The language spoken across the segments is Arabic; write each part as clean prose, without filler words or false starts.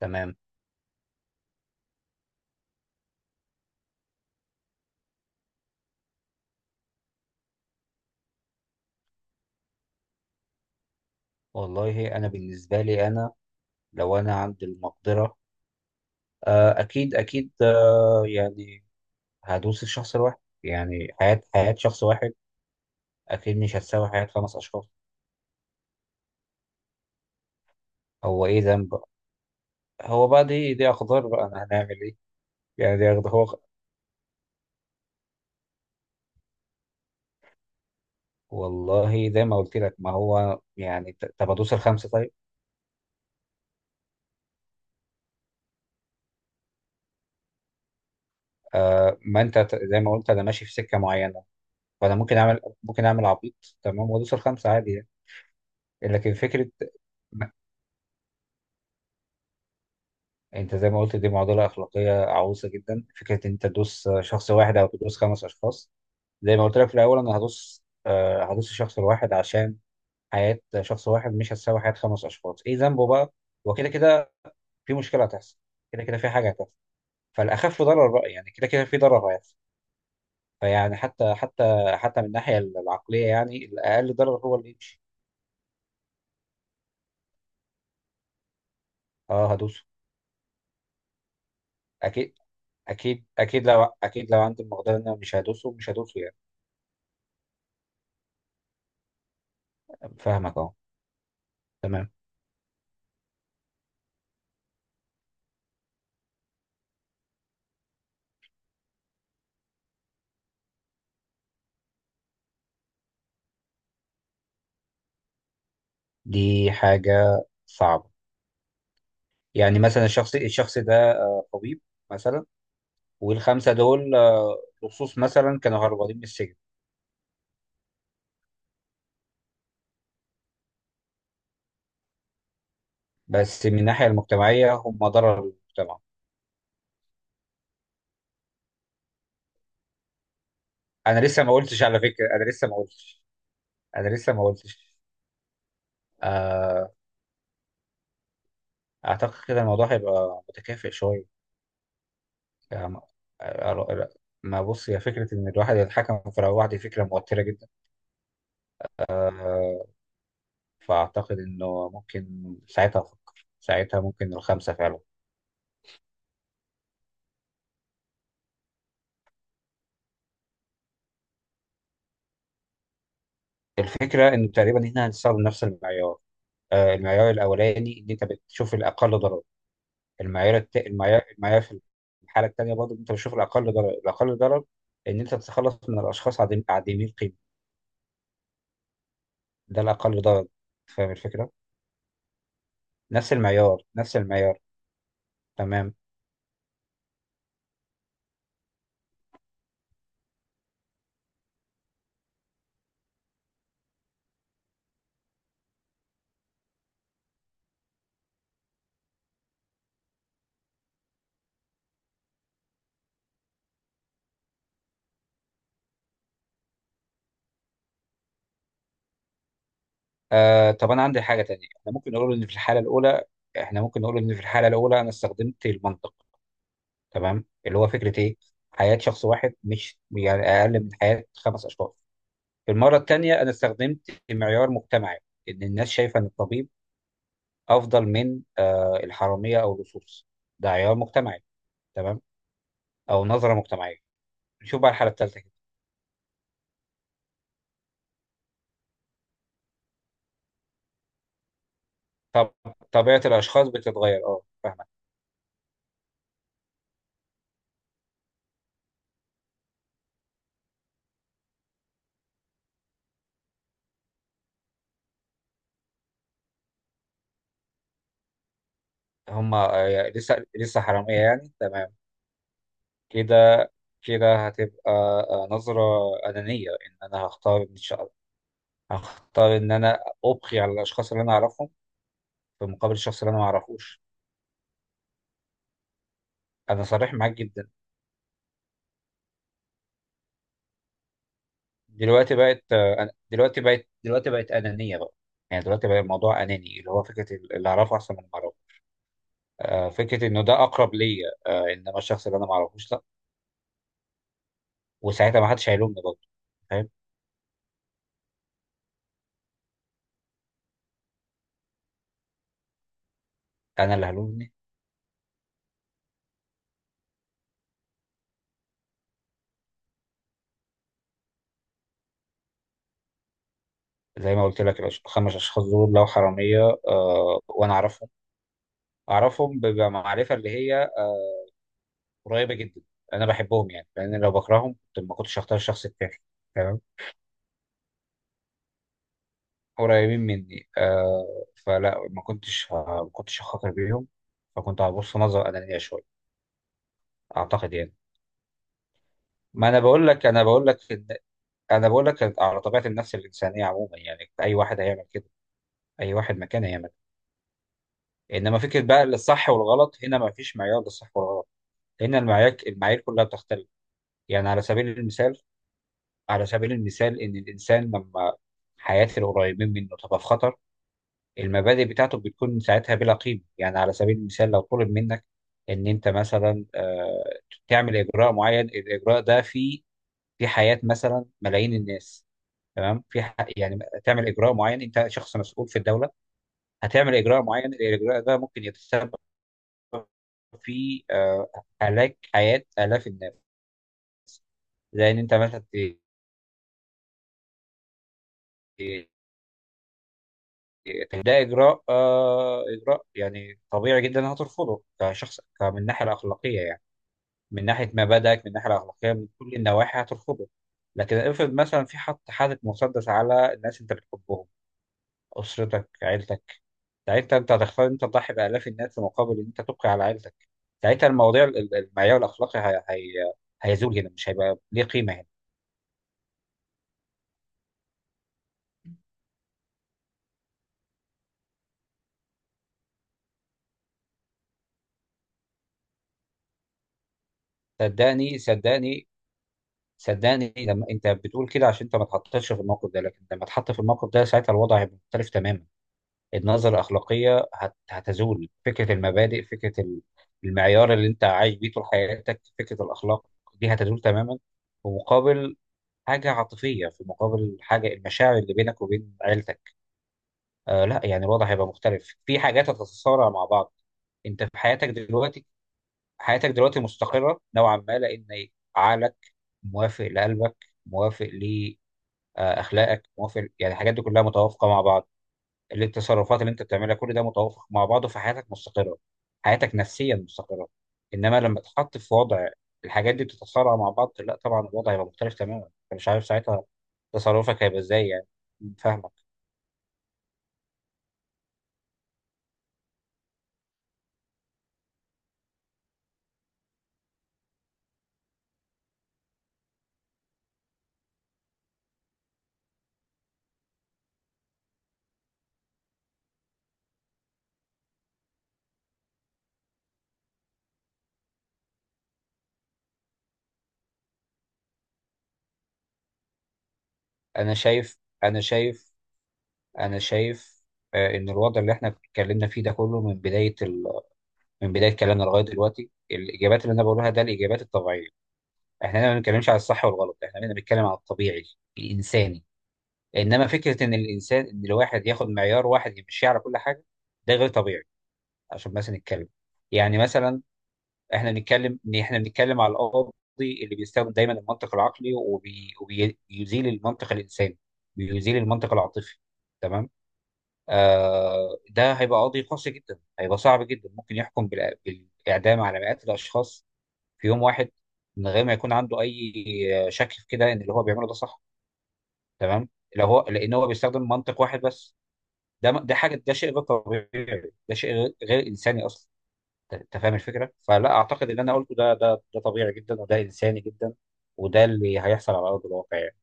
تمام. والله انا بالنسبه لي انا، لو انا عندي المقدره اكيد اكيد، يعني هدوس الشخص الواحد. يعني حياه شخص واحد اكيد مش هتساوي حياه خمس اشخاص. هو ايه ذنب بقى؟ هو بقى دي اقدار، بقى انا هنعمل ايه؟ يعني دي اقدار. هو والله زي ما قلت لك، ما هو يعني، طب ادوس الخمسه طيب. آه، ما انت زي ما قلت، انا ماشي في سكه معينه. فانا ممكن اعمل عبيط، تمام، وادوس الخمسه عادي يعني. لكن فكره، انت زي ما قلت، دي معضله اخلاقيه عويصه جدا، فكره ان انت تدوس شخص واحد او تدوس خمس اشخاص. زي ما قلت لك في الاول، انا هدوس الشخص الواحد، عشان حياه شخص واحد مش هتساوي حياه خمس اشخاص. ايه ذنبه بقى؟ وكده كده في مشكله هتحصل، كده كده في حاجه هتحصل. فالاخف ضرر بقى، يعني كده كده في ضرر هيحصل. فيعني حتى من الناحيه العقليه، يعني الاقل ضرر هو اللي يمشي. اه، هدوسه. اكيد، اكيد، اكيد لو عندي المقدره، ان انا مش هدوسه، مش هدوسه يعني. فاهمك اهو. تمام. دي حاجة صعبة. يعني مثلا الشخص ده طبيب مثلا. والخمسة دول لصوص مثلا، كانوا هربانين من السجن. بس من الناحية المجتمعية هم ضرر للمجتمع. أنا لسه ما قلتش، على فكرة. أنا لسه ما قلتش. أنا لسه ما قلتش. آه، أعتقد كده الموضوع هيبقى متكافئ شوية. يعني آه، ما بص، هي فكرة إن الواحد يتحكم في رأي واحد دي فكرة موترة جدا. آه، فأعتقد إنه ممكن ساعتها أفكر، ساعتها ممكن الخمسة فعلا. الفكرة إنه تقريبا إحنا هنستخدم نفس المعيار. المعيار الأولاني إن أنت بتشوف الأقل ضرر. المعيار في الحالة التانية برضه أنت بتشوف الأقل ضرر، إن أنت تتخلص من الأشخاص عديمي القيمة. ده الأقل ضرر. فاهم الفكرة؟ نفس المعيار، نفس المعيار. تمام. آه، طب أنا عندي حاجة تانية. إحنا ممكن نقول إن في الحالة الأولى أنا استخدمت المنطق. تمام، اللي هو فكرة إيه؟ حياة شخص واحد مش يعني أقل من حياة خمس أشخاص. المرة التانية أنا استخدمت معيار مجتمعي، إن الناس شايفة إن الطبيب أفضل من الحرامية أو اللصوص. ده عيار مجتمعي. تمام، أو نظرة مجتمعية. نشوف بقى الحالة التالتة كده. طب، طبيعة الأشخاص بتتغير. أه، فاهمك. هما لسه حرامية يعني، تمام. كده كده هتبقى نظرة أنانية، إن أنا هختار، إن شاء الله هختار، إن أنا أبقي على الأشخاص اللي أنا أعرفهم، في مقابل الشخص اللي أنا ما أعرفوش. أنا صريح معاك جدا. دلوقتي بقت أنانية بقى. يعني دلوقتي بقى الموضوع أناني، اللي هو فكرة اللي أعرفه أحسن من اللي أعرفه. فكرة إنه ده أقرب ليا. إنما الشخص اللي أنا ما أعرفوش، لأ. وساعتها ما حدش هيلومني برضه، فاهم؟ أنا اللي هلومني. زي ما قلت لك، الخمس أشخاص دول لو حرامية، وأنا أعرفهم بمعرفة اللي هي قريبة جدا. أنا بحبهم يعني، لأن لو بكرههم كنت ما كنتش هختار الشخص التاني. تمام. قريبين مني، فلا ما كنتش هخاطر بيهم. فكنت هبص نظرة أنانية شوية. أعتقد يعني، ما أنا بقول لك أنا بقول لك إن أنا بقول لك على طبيعة النفس الإنسانية عموما. يعني أي واحد هيعمل كده، أي واحد مكان هيعمل كده. إنما فكرة بقى الصح والغلط، هنا ما فيش معيار للصح والغلط، لأن المعايير كلها بتختلف. يعني على سبيل المثال إن الإنسان لما حياة القريبين منه تبقى في خطر، المبادئ بتاعته بتكون ساعتها بلا قيمة. يعني على سبيل المثال، لو طلب منك إن أنت مثلا تعمل إجراء معين، الإجراء ده في حياة مثلا ملايين الناس. تمام، يعني تعمل إجراء معين، أنت شخص مسؤول في الدولة، هتعمل إجراء معين، الإجراء ده ممكن يتسبب في هلاك حياة آلاف الناس. زي إن أنت مثلا ده إجراء يعني طبيعي جدا، هترفضه كشخص من الناحية الأخلاقية يعني. من ناحيه مبادئك، من الناحيه الاخلاقيه، من كل النواحي هترفضه. لكن افرض مثلا، في حاطط مسدس على الناس انت بتحبهم، اسرتك، عيلتك. ساعتها انت هتختار إن انت تضحي بالاف الناس، في مقابل ان انت تبقي على عيلتك. ساعتها المواضيع المعيار الاخلاقي هيزول هنا، مش هيبقى ليه قيمه هنا. صدقني، صدقني. صدقني، لما انت بتقول كده عشان انت ما اتحطيتش في الموقف ده، لكن لما اتحط في الموقف ده ساعتها الوضع هيبقى مختلف تماما. النظرة الأخلاقية هتزول، فكرة المبادئ، فكرة المعيار اللي أنت عايش بيه طول حياتك، فكرة الأخلاق دي هتزول تماما، في مقابل حاجة عاطفية، في مقابل حاجة المشاعر اللي بينك وبين عيلتك. آه، لا يعني الوضع هيبقى مختلف، في حاجات هتتصارع مع بعض. أنت في حياتك دلوقتي حياتك دلوقتي مستقرة نوعا ما، لأن عقلك موافق لقلبك، موافق لأخلاقك، موافق، يعني الحاجات دي كلها متوافقة مع بعض. التصرفات اللي انت بتعملها كل ده متوافق مع بعضه، فحياتك مستقره، حياتك نفسيا مستقره. انما لما تتحط في وضع الحاجات دي بتتصارع مع بعض، لا طبعا الوضع هيبقى مختلف تماما، انت مش عارف ساعتها تصرفك هيبقى ازاي يعني. فاهمك. انا شايف انا شايف انا شايف ان الوضع اللي احنا اتكلمنا فيه ده كله، من بدايه من بدايه كلامنا لغايه دلوقتي، الاجابات اللي انا بقولها ده الاجابات الطبيعيه. احنا هنا ما بنتكلمش على الصح والغلط، احنا هنا بنتكلم على الطبيعي الانساني. انما فكره ان الانسان، ان الواحد ياخد معيار واحد يمشي على كل حاجه، ده غير طبيعي. عشان بس نتكلم، يعني مثلا احنا بنتكلم على القاضي اللي بيستخدم دايما المنطق العقلي، وبيزيل المنطق الانساني، بيزيل المنطق العاطفي. تمام. ده هيبقى قاضي قاسي جدا، هيبقى صعب جدا، ممكن يحكم بالاعدام على مئات الاشخاص في يوم واحد، من غير ما يكون عنده اي شك في كده ان اللي هو بيعمله ده صح. تمام. لو هو لان هو بيستخدم منطق واحد بس. ده حاجه، ده شيء غير طبيعي، ده شيء غير انساني اصلا. انت فاهم الفكره، فلا اعتقد اللي انا قلته ده طبيعي جدا، وده انساني جدا، وده اللي هيحصل على ارض الواقع يعني.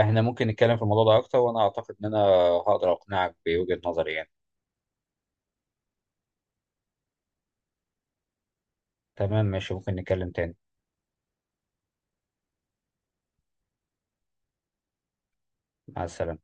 احنا ممكن نتكلم في الموضوع ده اكتر، وانا اعتقد ان انا هقدر اقنعك بوجهه نظري يعني. تمام، ماشي، ممكن نتكلم تاني. مع السلامه.